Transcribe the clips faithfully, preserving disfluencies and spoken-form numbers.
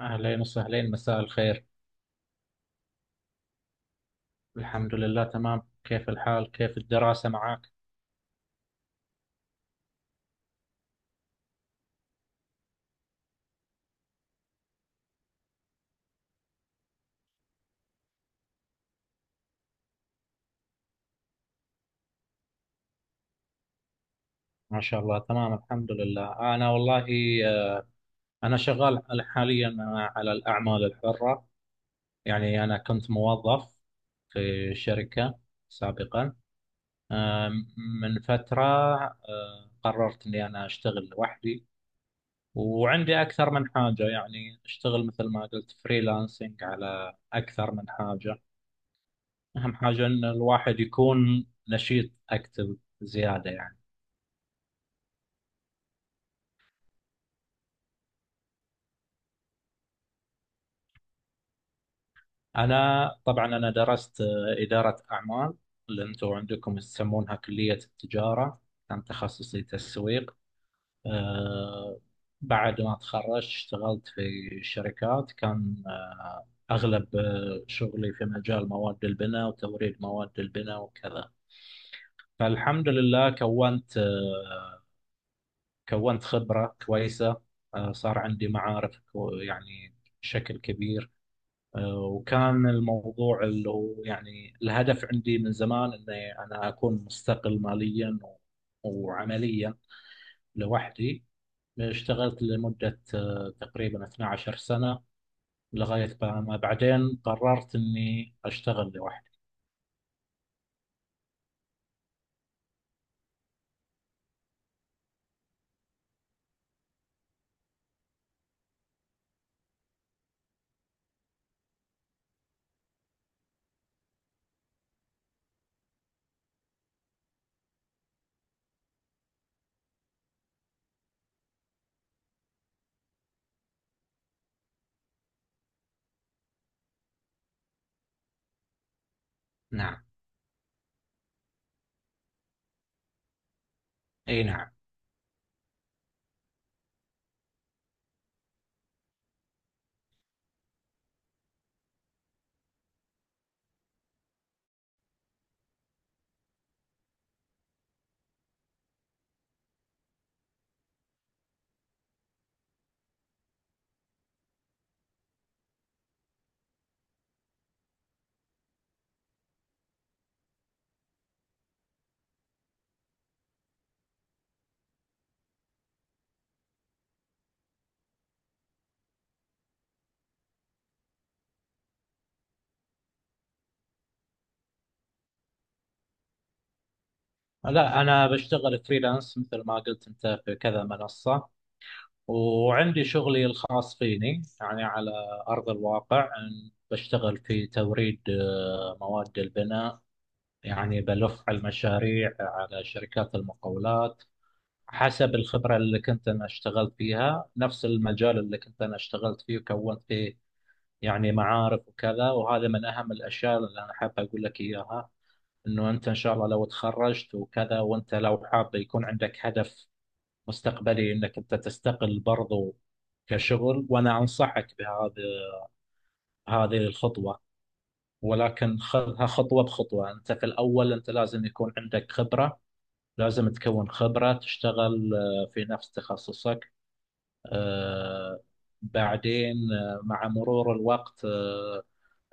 أهلين وسهلين، مساء الخير. الحمد لله تمام. كيف الحال؟ كيف الدراسة معك؟ ما شاء الله تمام الحمد لله. أنا والله، آه، أنا شغال حاليا على الأعمال الحرة. يعني أنا كنت موظف في شركة سابقا، آه، من فترة. آه، قررت أني أنا أشتغل لوحدي، وعندي أكثر من حاجة، يعني أشتغل مثل ما قلت فريلانسنج على أكثر من حاجة. أهم حاجة إن الواحد يكون نشيط أكتف زيادة يعني. أنا طبعا أنا درست آه، إدارة أعمال، اللي أنتوا عندكم يسمونها كلية التجارة. كان تخصصي تسويق. آه، بعد ما تخرجت اشتغلت في شركات، كان آه، أغلب آه، شغلي في مجال مواد البناء وتوريد مواد البناء وكذا. فالحمد لله كونت آه، كونت خبرة كويسة. آه، صار عندي معارف كو- يعني بشكل كبير. آه، وكان الموضوع اللي هو يعني الهدف عندي من زمان، اني انا اكون مستقل ماليا و- وعمليا لوحدي. اشتغلت لمدة آه، تقريبا 12 سنة، لغاية ما بعدين قررت اني اشتغل لوحدي. نعم. اي نعم. لا، انا بشتغل فريلانس مثل ما قلت انت في كذا منصة، وعندي شغلي الخاص فيني يعني على أرض الواقع، أن بشتغل في توريد آه، مواد البناء. يعني بلف على المشاريع، على شركات المقاولات، حسب الخبرة اللي كنت أنا اشتغلت فيها، نفس المجال اللي كنت أنا اشتغلت فيه وكونت فيه يعني معارف وكذا. وهذا من أهم الأشياء اللي أنا حاب أقول لك إياها، إنه أنت إن شاء الله لو تخرجت وكذا، وأنت لو حاب يكون عندك هدف مستقبلي انك انت تستقل برضو كشغل، وانا انصحك بهذه هذه الخطوه. ولكن خذها خطوه بخطوه. انت في الاول انت لازم يكون عندك خبره، لازم تكون خبره، تشتغل آه، في نفس تخصصك. آه، بعدين آه، مع مرور الوقت آه،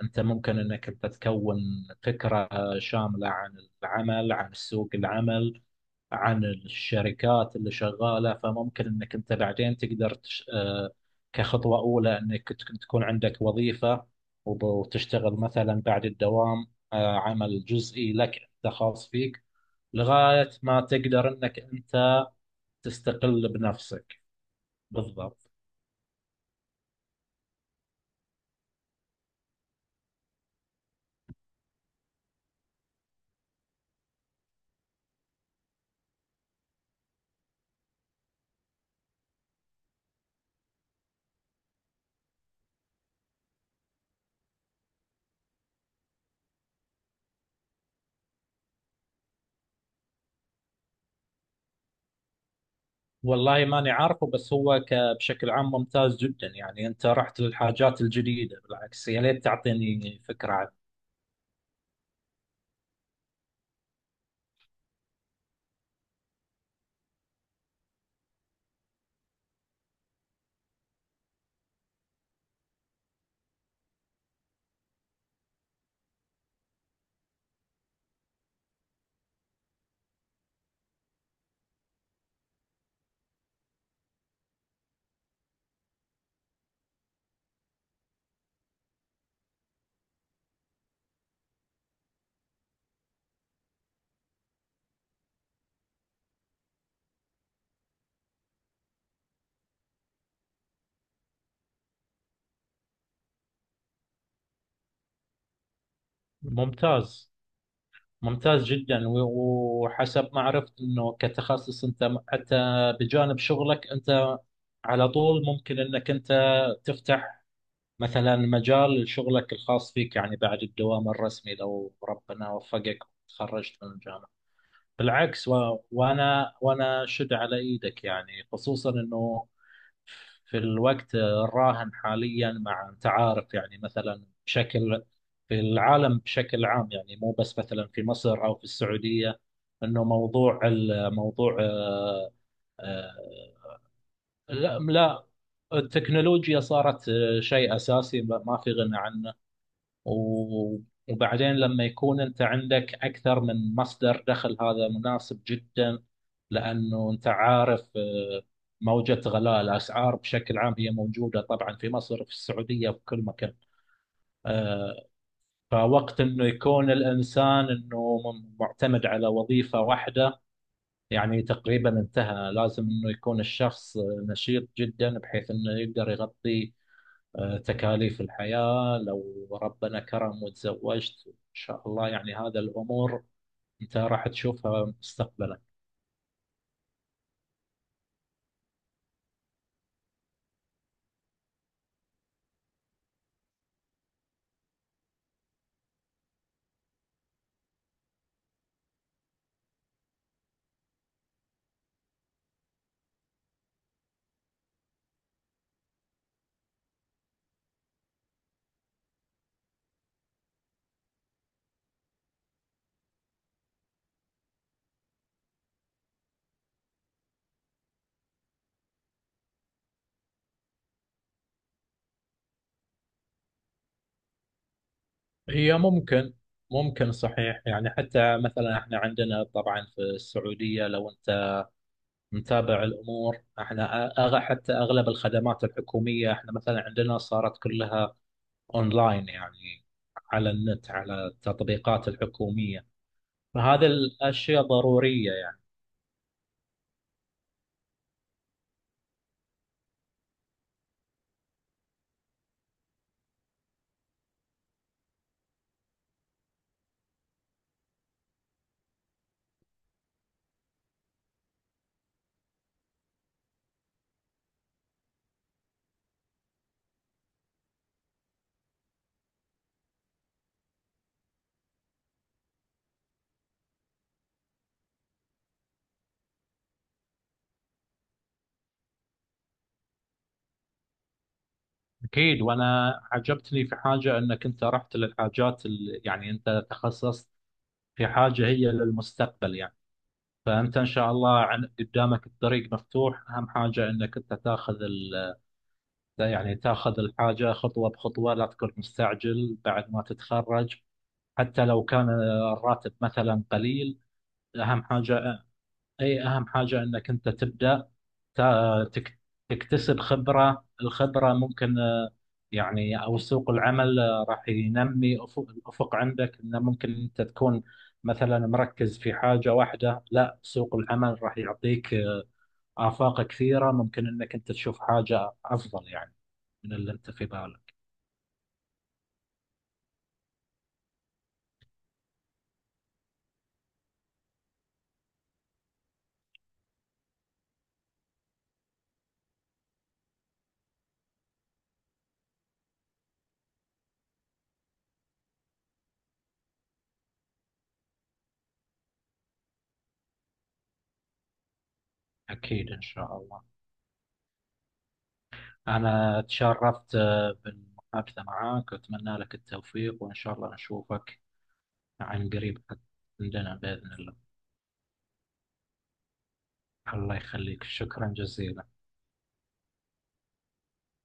انت ممكن انك انت تكون فكره آه، شامله عن العمل، عن سوق العمل، عن الشركات اللي شغالة. فممكن انك انت بعدين تقدر تش... آه، كخطوة اولى انك تك- تكون عندك وظيفة، وب- وتشتغل مثلا بعد الدوام آه، عمل جزئي لك انت خاص فيك، لغاية ما تقدر انك انت تستقل بنفسك. بالضبط. والله ماني عارفه، بس هو ك... بشكل عام ممتاز جدا. يعني انت رحت للحاجات الجديدة، بالعكس، يا ليت تعطيني فكرة عنه. ممتاز، ممتاز جدا. و- وحسب ما عرفت انه كتخصص، انت م- حتى بجانب شغلك انت على طول ممكن انك انت تفتح مثلا مجال لشغلك الخاص فيك، يعني بعد الدوام الرسمي، لو ربنا وفقك وتخرجت من الجامعة، بالعكس. و... وانا وانا شد على ايدك، يعني خصوصا انه في الوقت الراهن حاليا، مع انت عارف، يعني مثلا بشكل، في العالم بشكل عام يعني، مو بس مثلا في مصر او في السعوديه، انه موضوع الموضوع آه، آه، لا لا، التكنولوجيا صارت آه، شيء اساسي، ما ما في غنى عنه. و- وبعدين لما يكون أنت عندك أكثر من مصدر دخل، هذا مناسب جدا، لأنه أنت عارف آه، موجة غلاء الأسعار بشكل عام هي موجودة طبعا، في مصر، في السعودية، في كل مكان. آه، فوقت انه يكون الانسان انه م- معتمد على وظيفه واحده يعني تقريبا انتهى. لازم انه يكون الشخص آه، نشيط جدا، بحيث انه يقدر يغطي آه، تكاليف الحياة. لو ربنا كرم وتزوجت إن شاء الله، يعني هذا الأمور أنت راح تشوفها مستقبلا. هي ممكن، ممكن صحيح يعني. حتى مثلا احنا عندنا طبعا في السعودية، لو انت متابع الامور، احنا أغ حتى اغلب الخدمات الحكومية احنا مثلا عندنا صارت كلها اونلاين يعني، على النت، على التطبيقات الحكومية. فهذه الاشياء ضرورية. أكيد. وأنا عجبتني في حاجة، أنك أنت رحت للحاجات ال... يعني أنت تخصصت في حاجة هي للمستقبل يعني. فأنت إن شاء الله عن... قدامك الطريق مفتوح. أهم حاجة أنك أنت تاخذ ال... يعني تاخذ الحاجة خطوة بخطوة، لا تكون مستعجل بعد ما تتخرج. حتى لو كان الراتب مثلا قليل، أهم حاجة، اي اهم حاجة انك انت تبدأ، تا- تك- تكتسب خبرة. الخبرة ممكن آه، يعني او سوق العمل آه، راح ينمي افق الافق عندك. انه ممكن انت تكون مثلا مركز في حاجة واحدة، لا سوق العمل راح يعطيك آه، آفاق كثيرة، ممكن انك انت تشوف حاجة افضل يعني من اللي انت في بالك. اكيد ان شاء الله. انا تشرفت آه، بالمحادثة معك، واتمنى لك التوفيق، وان شاء الله نشوفك عن قريب عندنا بإذن الله. الله يخليك، شكرا جزيلا.